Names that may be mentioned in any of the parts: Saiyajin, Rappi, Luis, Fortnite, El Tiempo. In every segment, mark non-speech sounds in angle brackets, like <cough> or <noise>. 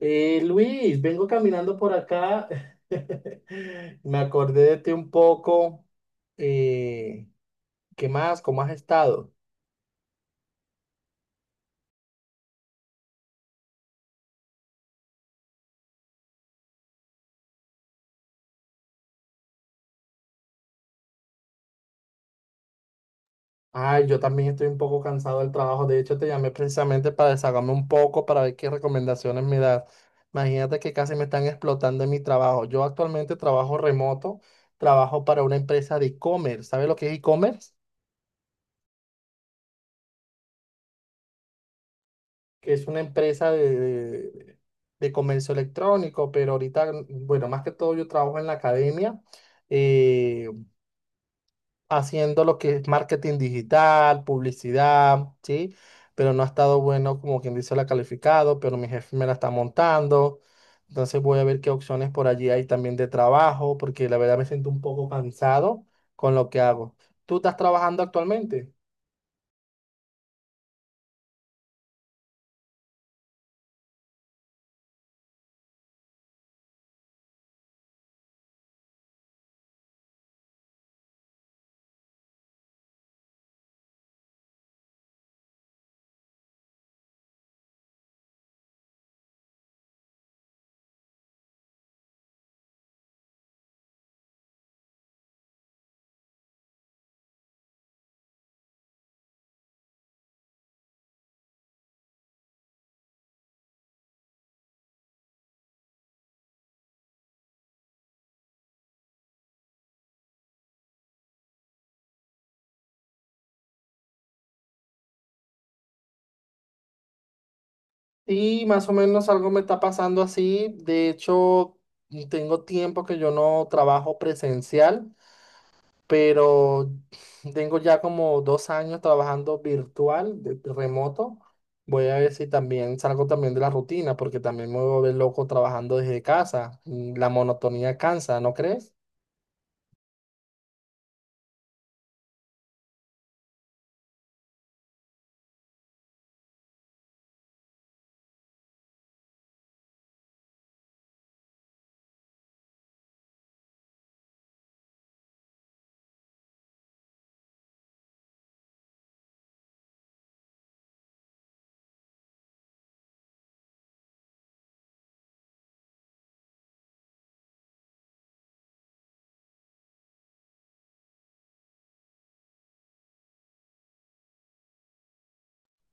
Luis, vengo caminando por acá. <laughs> Me acordé de ti un poco. Eh, ¿Qué más? ¿Cómo has estado? Ay, yo también estoy un poco cansado del trabajo. De hecho, te llamé precisamente para desahogarme un poco, para ver qué recomendaciones me das. Imagínate que casi me están explotando en mi trabajo. Yo actualmente trabajo remoto, trabajo para una empresa de e-commerce. ¿Sabes lo que es e-commerce? Que es una empresa de comercio electrónico, pero ahorita, bueno, más que todo yo trabajo en la academia, eh, haciendo lo que es marketing digital, publicidad, ¿sí? Pero no ha estado bueno, como quien dice, la calificado, pero mi jefe me la está montando. Entonces voy a ver qué opciones por allí hay también de trabajo, porque la verdad me siento un poco cansado con lo que hago. ¿Tú estás trabajando actualmente? Sí, más o menos algo me está pasando así. De hecho, tengo tiempo que yo no trabajo presencial, pero tengo ya como 2 años trabajando virtual, de remoto. Voy a ver si también salgo también de la rutina, porque también me voy a volver loco trabajando desde casa. La monotonía cansa, ¿no crees?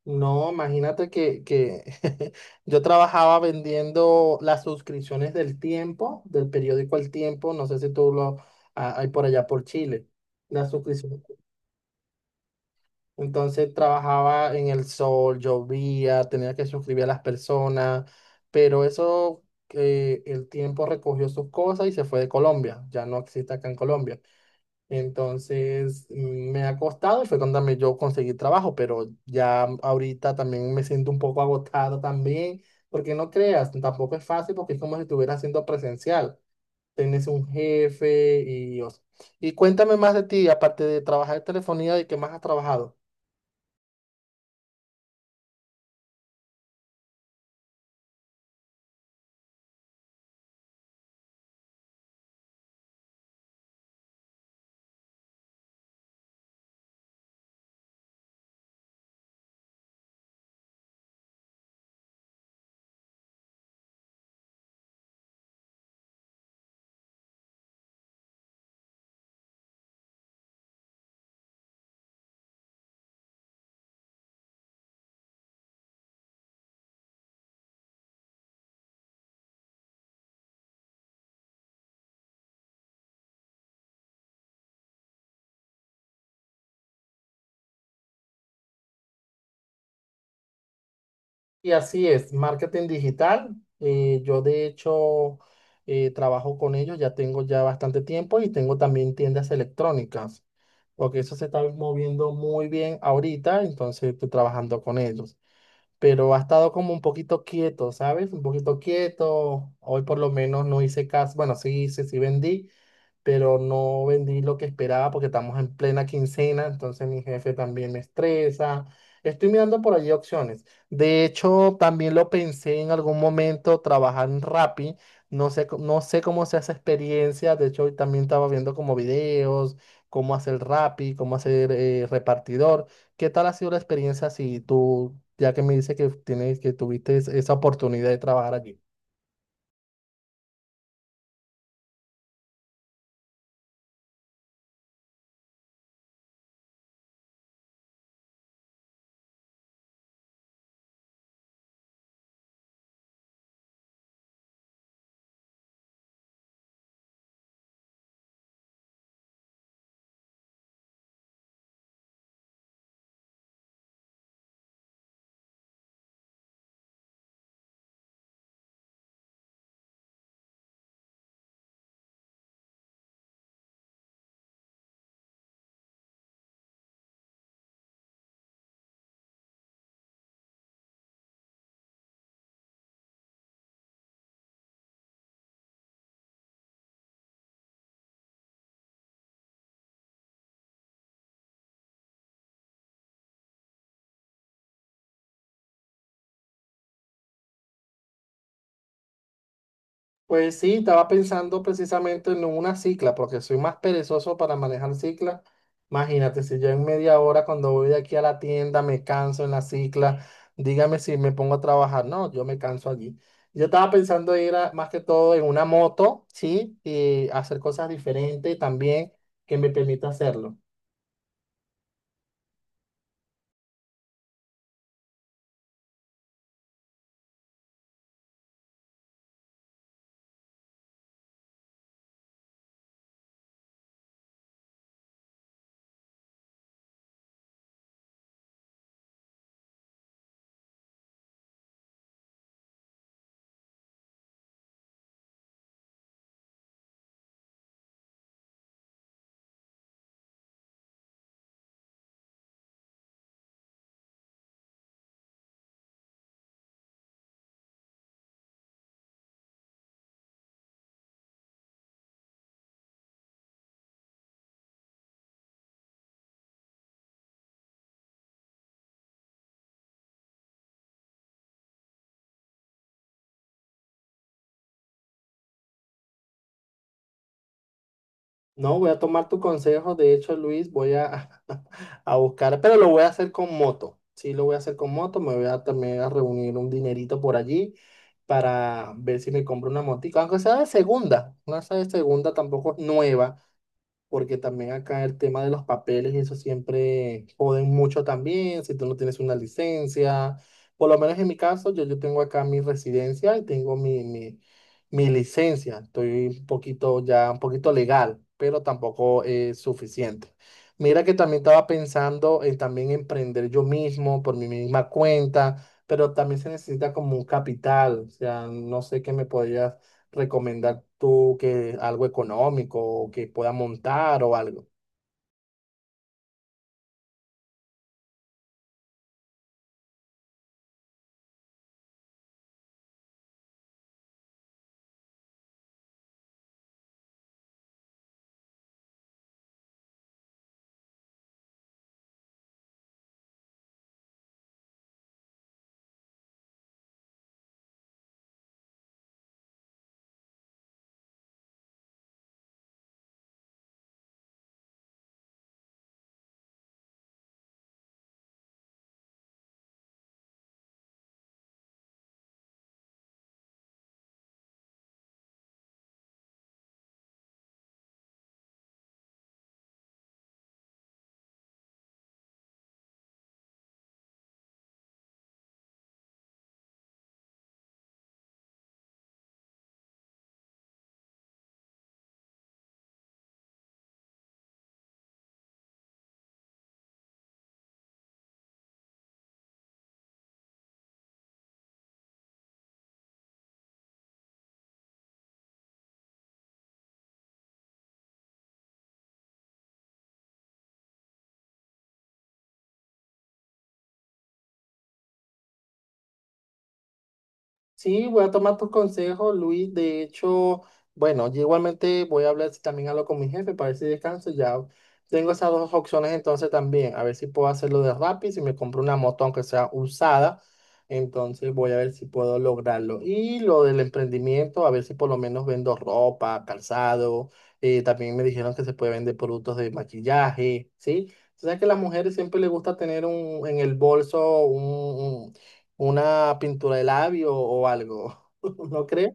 No, imagínate que <laughs> yo trabajaba vendiendo las suscripciones del Tiempo, del periódico El Tiempo, no sé si tú lo ah, hay por allá por Chile, las suscripciones. Entonces trabajaba en el sol, llovía, tenía que suscribir a las personas, pero eso, que El Tiempo recogió sus cosas y se fue de Colombia, ya no existe acá en Colombia. Entonces me ha costado y fue cuando también yo conseguí trabajo, pero ya ahorita también me siento un poco agotado también, porque no creas, tampoco es fácil porque es como si estuviera haciendo presencial. Tienes un jefe y, o sea, y cuéntame más de ti, aparte de trabajar en telefonía, ¿de qué más has trabajado? Y así es, marketing digital. Yo de hecho trabajo con ellos, ya tengo ya bastante tiempo y tengo también tiendas electrónicas, porque eso se está moviendo muy bien ahorita, entonces estoy trabajando con ellos. Pero ha estado como un poquito quieto, ¿sabes? Un poquito quieto. Hoy por lo menos no hice caso, bueno, sí hice, sí vendí, pero no vendí lo que esperaba porque estamos en plena quincena, entonces mi jefe también me estresa. Estoy mirando por allí opciones. De hecho, también lo pensé en algún momento trabajar en Rappi. No sé cómo se hace experiencia. De hecho, hoy también estaba viendo como videos, cómo hacer Rappi, cómo hacer repartidor. ¿Qué tal ha sido la experiencia si tú, ya que me dices que tienes, que tuviste esa oportunidad de trabajar allí? Pues sí, estaba pensando precisamente en una cicla, porque soy más perezoso para manejar cicla. Imagínate, si yo en media hora cuando voy de aquí a la tienda me canso en la cicla, dígame si me pongo a trabajar. No, yo me canso allí. Yo estaba pensando más que todo en una moto, ¿sí? Y hacer cosas diferentes también que me permita hacerlo. No, voy a tomar tu consejo. De hecho, Luis, voy a, <laughs> a buscar, pero lo voy a hacer con moto. Sí, lo voy a hacer con moto. Me voy a también a reunir un dinerito por allí para ver si me compro una motica, aunque sea de segunda. No sea de segunda, tampoco es nueva, porque también acá el tema de los papeles y eso siempre joden mucho también, si tú no tienes una licencia, por lo menos en mi caso, yo tengo acá mi residencia y tengo mi licencia, estoy un poquito ya, un poquito legal, pero tampoco es suficiente. Mira que también estaba pensando en también emprender yo mismo por mi misma cuenta, pero también se necesita como un capital, o sea, no sé qué me podría recomendar tú que algo económico o que pueda montar o algo. Sí, voy a tomar tu consejo, Luis. De hecho, bueno, yo igualmente voy a hablar, si también algo con mi jefe para ver si descanso. Ya tengo esas dos opciones entonces también. A ver si puedo hacerlo de Rappi, si me compro una moto aunque sea usada. Entonces voy a ver si puedo lograrlo. Y lo del emprendimiento, a ver si por lo menos vendo ropa, calzado. También me dijeron que se puede vender productos de maquillaje, ¿sí? O sea que a las mujeres siempre les gusta tener un, en el bolso una pintura de labio o algo, <laughs> ¿no cree?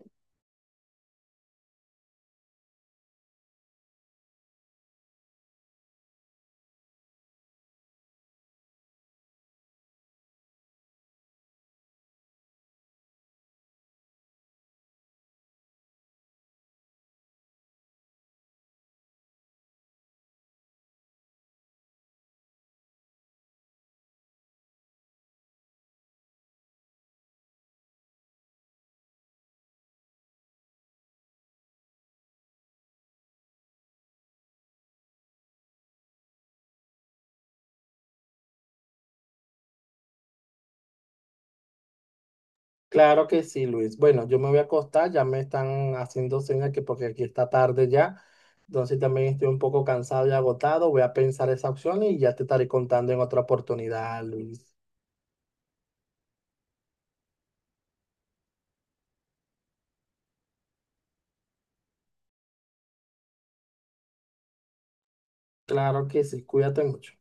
Claro que sí, Luis. Bueno, yo me voy a acostar, ya me están haciendo señas que porque aquí está tarde ya, entonces también estoy un poco cansado y agotado, voy a pensar esa opción y ya te estaré contando en otra oportunidad, Luis. Claro que sí, cuídate mucho.